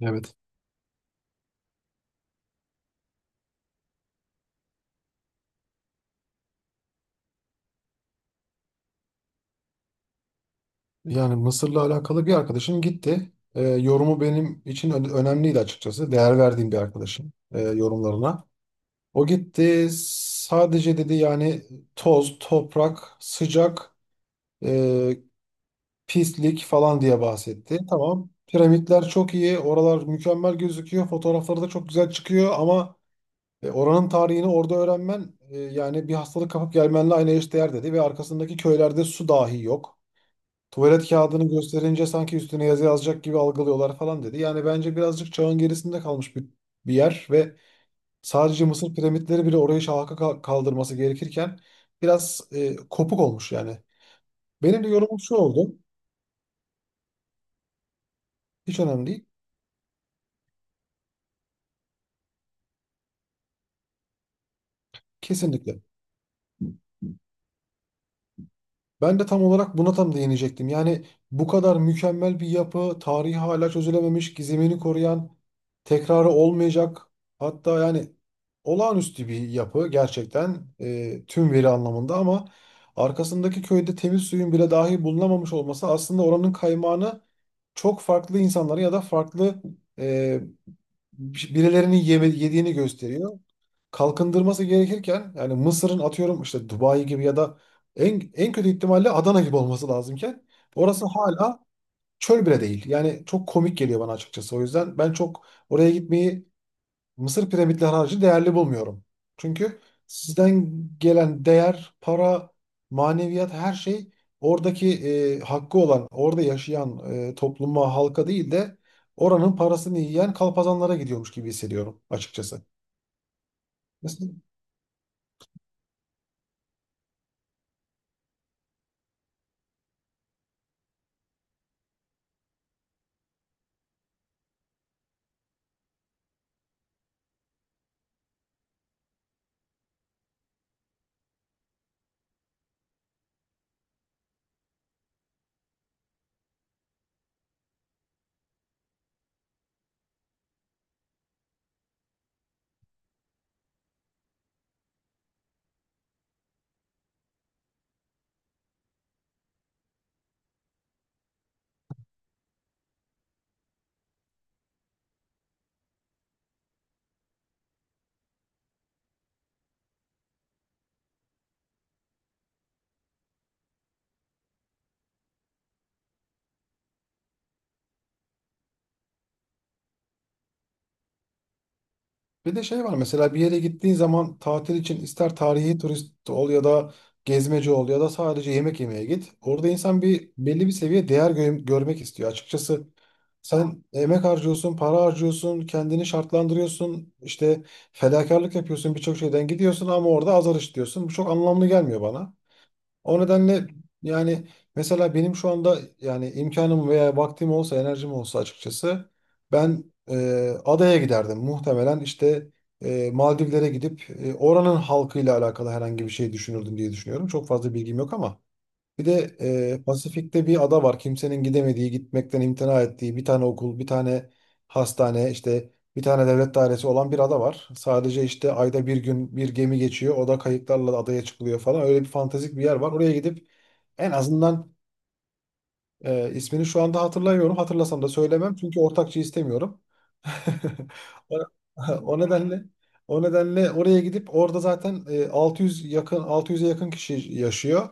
Evet. Yani Mısır'la alakalı bir arkadaşım gitti. Yorumu benim için önemliydi açıkçası. Değer verdiğim bir arkadaşım yorumlarına. O gitti sadece dedi yani toz, toprak, sıcak, e, pislik falan diye bahsetti. Tamam. Piramitler çok iyi. Oralar mükemmel gözüküyor. Fotoğrafları da çok güzel çıkıyor ama oranın tarihini orada öğrenmen yani bir hastalık kapıp gelmenle aynı eşdeğer dedi ve arkasındaki köylerde su dahi yok. Tuvalet kağıdını gösterince sanki üstüne yazı yazacak gibi algılıyorlar falan dedi. Yani bence birazcık çağın gerisinde kalmış bir yer ve sadece Mısır piramitleri bile orayı şaha kaldırması gerekirken biraz kopuk olmuş yani. Benim de yorumum şu oldu. Hiç önemli değil. Kesinlikle. Ben de tam olarak buna tam değinecektim. Yani bu kadar mükemmel bir yapı, tarihi hala çözülememiş, gizemini koruyan, tekrarı olmayacak. Hatta yani olağanüstü bir yapı gerçekten tüm veri anlamında ama arkasındaki köyde temiz suyun bile dahi bulunamamış olması aslında oranın kaymağını çok farklı insanlara ya da farklı e, birilerinin yediğini gösteriyor. Kalkındırması gerekirken yani Mısır'ın atıyorum işte Dubai gibi ya da en kötü ihtimalle Adana gibi olması lazımken orası hala çöl bile değil. Yani çok komik geliyor bana açıkçası. O yüzden ben çok oraya gitmeyi Mısır piramitleri harcı değerli bulmuyorum. Çünkü sizden gelen değer, para, maneviyat her şey oradaki hakkı olan, orada yaşayan topluma, halka değil de oranın parasını yiyen kalpazanlara gidiyormuş gibi hissediyorum açıkçası. Mesela, bir de şey var mesela bir yere gittiğin zaman tatil için ister tarihi turist ol ya da gezmeci ol ya da sadece yemek yemeye git. Orada insan bir belli bir seviye değer görmek istiyor. Açıkçası. Sen emek harcıyorsun, para harcıyorsun, kendini şartlandırıyorsun, işte fedakarlık yapıyorsun, birçok şeyden gidiyorsun ama orada azar işliyorsun. Bu çok anlamlı gelmiyor bana. O nedenle yani mesela benim şu anda yani imkanım veya vaktim olsa, enerjim olsa açıkçası ben e, adaya giderdim. Muhtemelen işte Maldivlere gidip oranın halkıyla alakalı herhangi bir şey düşünürdüm diye düşünüyorum. Çok fazla bilgim yok ama. Bir de Pasifik'te bir ada var. Kimsenin gidemediği, gitmekten imtina ettiği bir tane okul, bir tane hastane, işte bir tane devlet dairesi olan bir ada var. Sadece işte ayda bir gün bir gemi geçiyor. O da kayıklarla adaya çıkılıyor falan. Öyle bir fantastik bir yer var. Oraya gidip en azından ismini şu anda hatırlamıyorum. Hatırlasam da söylemem çünkü ortakçı istemiyorum. O, o nedenle o nedenle oraya gidip orada zaten 600'e yakın kişi yaşıyor.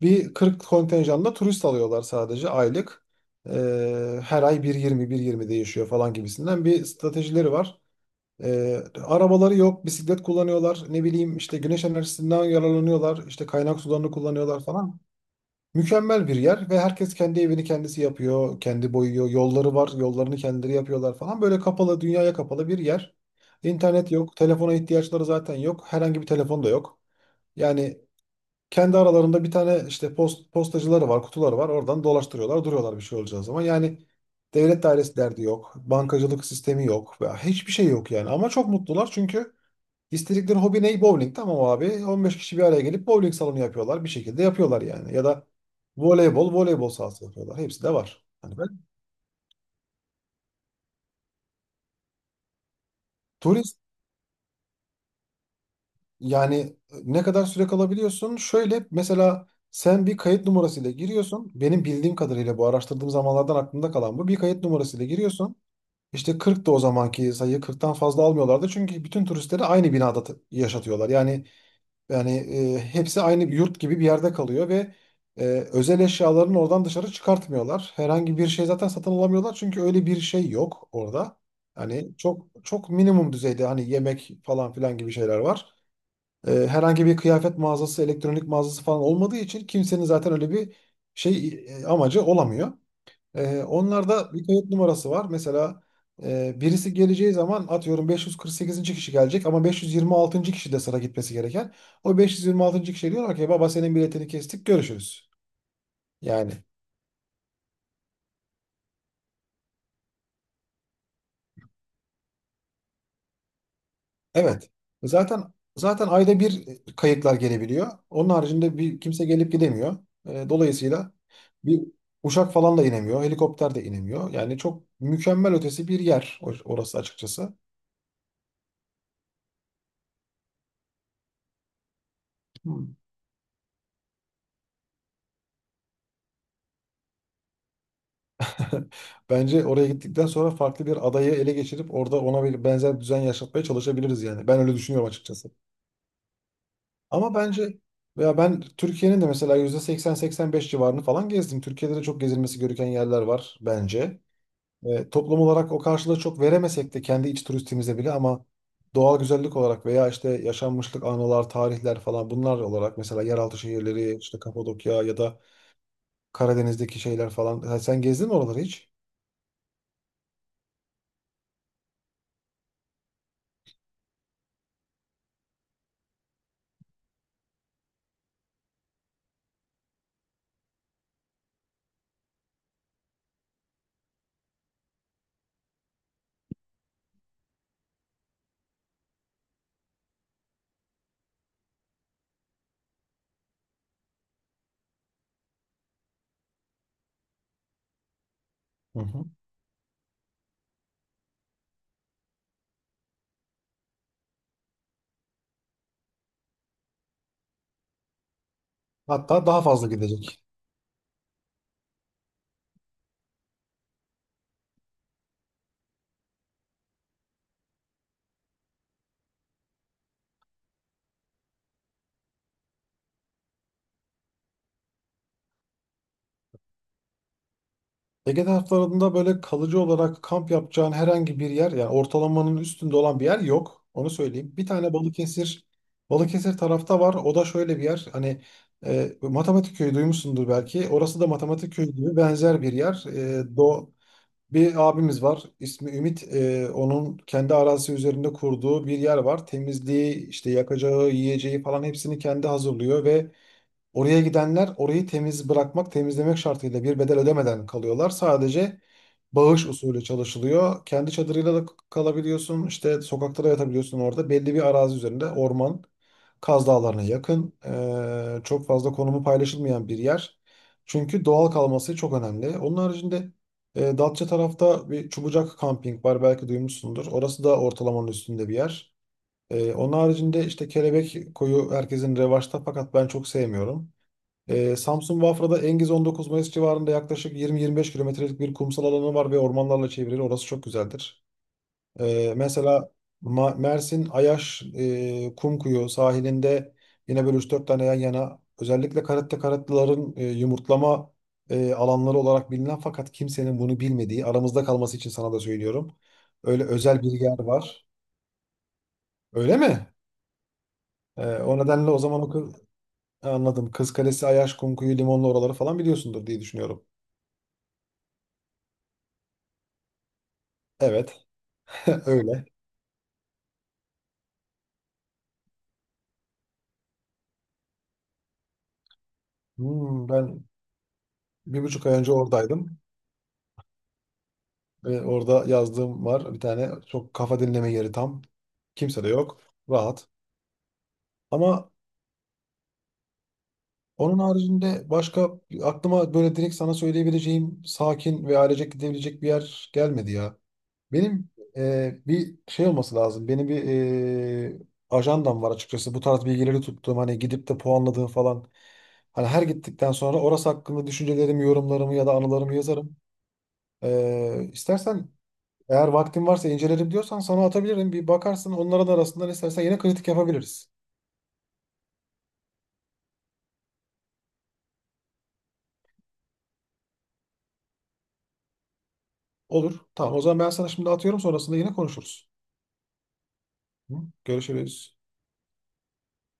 Bir 40 kontenjanla turist alıyorlar sadece aylık. Her ay bir 1.20 değişiyor falan gibisinden bir stratejileri var. Arabaları yok, bisiklet kullanıyorlar. Ne bileyim işte güneş enerjisinden yararlanıyorlar. İşte kaynak sularını kullanıyorlar falan. Mükemmel bir yer ve herkes kendi evini kendisi yapıyor, kendi boyuyor, yolları var, yollarını kendileri yapıyorlar falan. Böyle kapalı, dünyaya kapalı bir yer. İnternet yok, telefona ihtiyaçları zaten yok, herhangi bir telefon da yok. Yani kendi aralarında bir tane işte postacıları var, kutuları var. Oradan dolaştırıyorlar, duruyorlar bir şey olacağı zaman. Yani devlet dairesi derdi yok, bankacılık sistemi yok veya hiçbir şey yok yani. Ama çok mutlular çünkü. İstedikleri hobi ne? Bowling. Tamam abi. 15 kişi bir araya gelip bowling salonu yapıyorlar. Bir şekilde yapıyorlar yani. Ya da voleybol sahası yapıyorlar. Hepsi de var. Hani ben turist yani ne kadar süre kalabiliyorsun? Şöyle mesela sen bir kayıt numarasıyla giriyorsun. Benim bildiğim kadarıyla bu araştırdığım zamanlardan aklımda kalan bu. Bir kayıt numarasıyla giriyorsun. İşte 40 da o zamanki sayı 40'tan fazla almıyorlardı. Çünkü bütün turistleri aynı binada yaşatıyorlar. Yani hepsi aynı bir yurt gibi bir yerde kalıyor ve e, özel eşyalarını oradan dışarı çıkartmıyorlar. Herhangi bir şey zaten satın alamıyorlar çünkü öyle bir şey yok orada. Hani çok çok minimum düzeyde hani yemek falan filan gibi şeyler var. Herhangi bir kıyafet mağazası, elektronik mağazası falan olmadığı için kimsenin zaten öyle bir şey amacı olamıyor. Onlarda bir kayıt numarası var. Mesela birisi geleceği zaman atıyorum 548. kişi gelecek ama 526. kişi de sıra gitmesi gereken. O 526. kişi diyorlar ki baba senin biletini kestik görüşürüz. Yani evet. Zaten ayda bir kayıtlar gelebiliyor. Onun haricinde bir kimse gelip gidemiyor. Dolayısıyla bir uçak falan da inemiyor. Helikopter de inemiyor. Yani çok mükemmel ötesi bir yer orası açıkçası. Hı. Bence oraya gittikten sonra farklı bir adayı ele geçirip orada ona bir benzer düzen yaşatmaya çalışabiliriz yani. Ben öyle düşünüyorum açıkçası. Ama bence veya ben Türkiye'nin de mesela %80-85 civarını falan gezdim. Türkiye'de de çok gezilmesi gereken yerler var bence. Toplum olarak o karşılığı çok veremesek de kendi iç turistimize bile ama doğal güzellik olarak veya işte yaşanmışlık anılar, tarihler falan bunlar olarak mesela yeraltı şehirleri işte Kapadokya ya da Karadeniz'deki şeyler falan. Ha, sen gezdin mi oraları hiç? Hı hı. Hatta daha fazla gidecek. Ege taraflarında böyle kalıcı olarak kamp yapacağın herhangi bir yer, yani ortalamanın üstünde olan bir yer yok. Onu söyleyeyim. Bir tane Balıkesir tarafta var. O da şöyle bir yer. Hani matematik köyü duymuşsundur belki. Orası da matematik köyü gibi benzer bir yer. E, Do Bir abimiz var. İsmi Ümit. Onun kendi arazisi üzerinde kurduğu bir yer var. Temizliği, işte yakacağı, yiyeceği falan hepsini kendi hazırlıyor ve oraya gidenler orayı temiz bırakmak, temizlemek şartıyla bir bedel ödemeden kalıyorlar. Sadece bağış usulü çalışılıyor. Kendi çadırıyla da kalabiliyorsun. İşte sokakta da yatabiliyorsun orada. Belli bir arazi üzerinde orman, Kaz Dağları'na yakın. Çok fazla konumu paylaşılmayan bir yer. Çünkü doğal kalması çok önemli. Onun haricinde Datça tarafta bir Çubucak Camping var belki duymuşsundur. Orası da ortalamanın üstünde bir yer. Onun haricinde işte Kelebek Koyu herkesin revaçta fakat ben çok sevmiyorum. Samsun Bafra'da Engiz 19 Mayıs civarında yaklaşık 20-25 kilometrelik bir kumsal alanı var ve ormanlarla çevrili. Orası çok güzeldir. Mesela Mersin Ayaş Kumkuyu sahilinde yine böyle üç dört tane yan yana özellikle karette karatlıların yumurtlama alanları olarak bilinen fakat kimsenin bunu bilmediği aramızda kalması için sana da söylüyorum. Öyle özel bir yer var. Öyle mi? O nedenle o zaman anladım. Kız Kalesi, Ayaş, Kumkuyu, Limonlu oraları falan biliyorsundur diye düşünüyorum. Evet, öyle. Ben bir buçuk ay önce oradaydım. Ve orada yazdığım var. Bir tane çok kafa dinleme yeri tam. Kimse de yok. Rahat. Ama onun haricinde başka aklıma böyle direkt sana söyleyebileceğim sakin ve ailecek gidebilecek bir yer gelmedi ya. Benim bir şey olması lazım. Benim bir e, ajandam var açıkçası. Bu tarz bilgileri tuttuğum hani gidip de puanladığım falan. Hani her gittikten sonra orası hakkında düşüncelerimi, yorumlarımı ya da anılarımı yazarım. E, istersen Eğer vaktin varsa incelerim diyorsan sana atabilirim. Bir bakarsın onların arasından istersen yine kritik yapabiliriz. Olur. Tamam o zaman ben sana şimdi atıyorum sonrasında yine konuşuruz. Hı? Görüşürüz.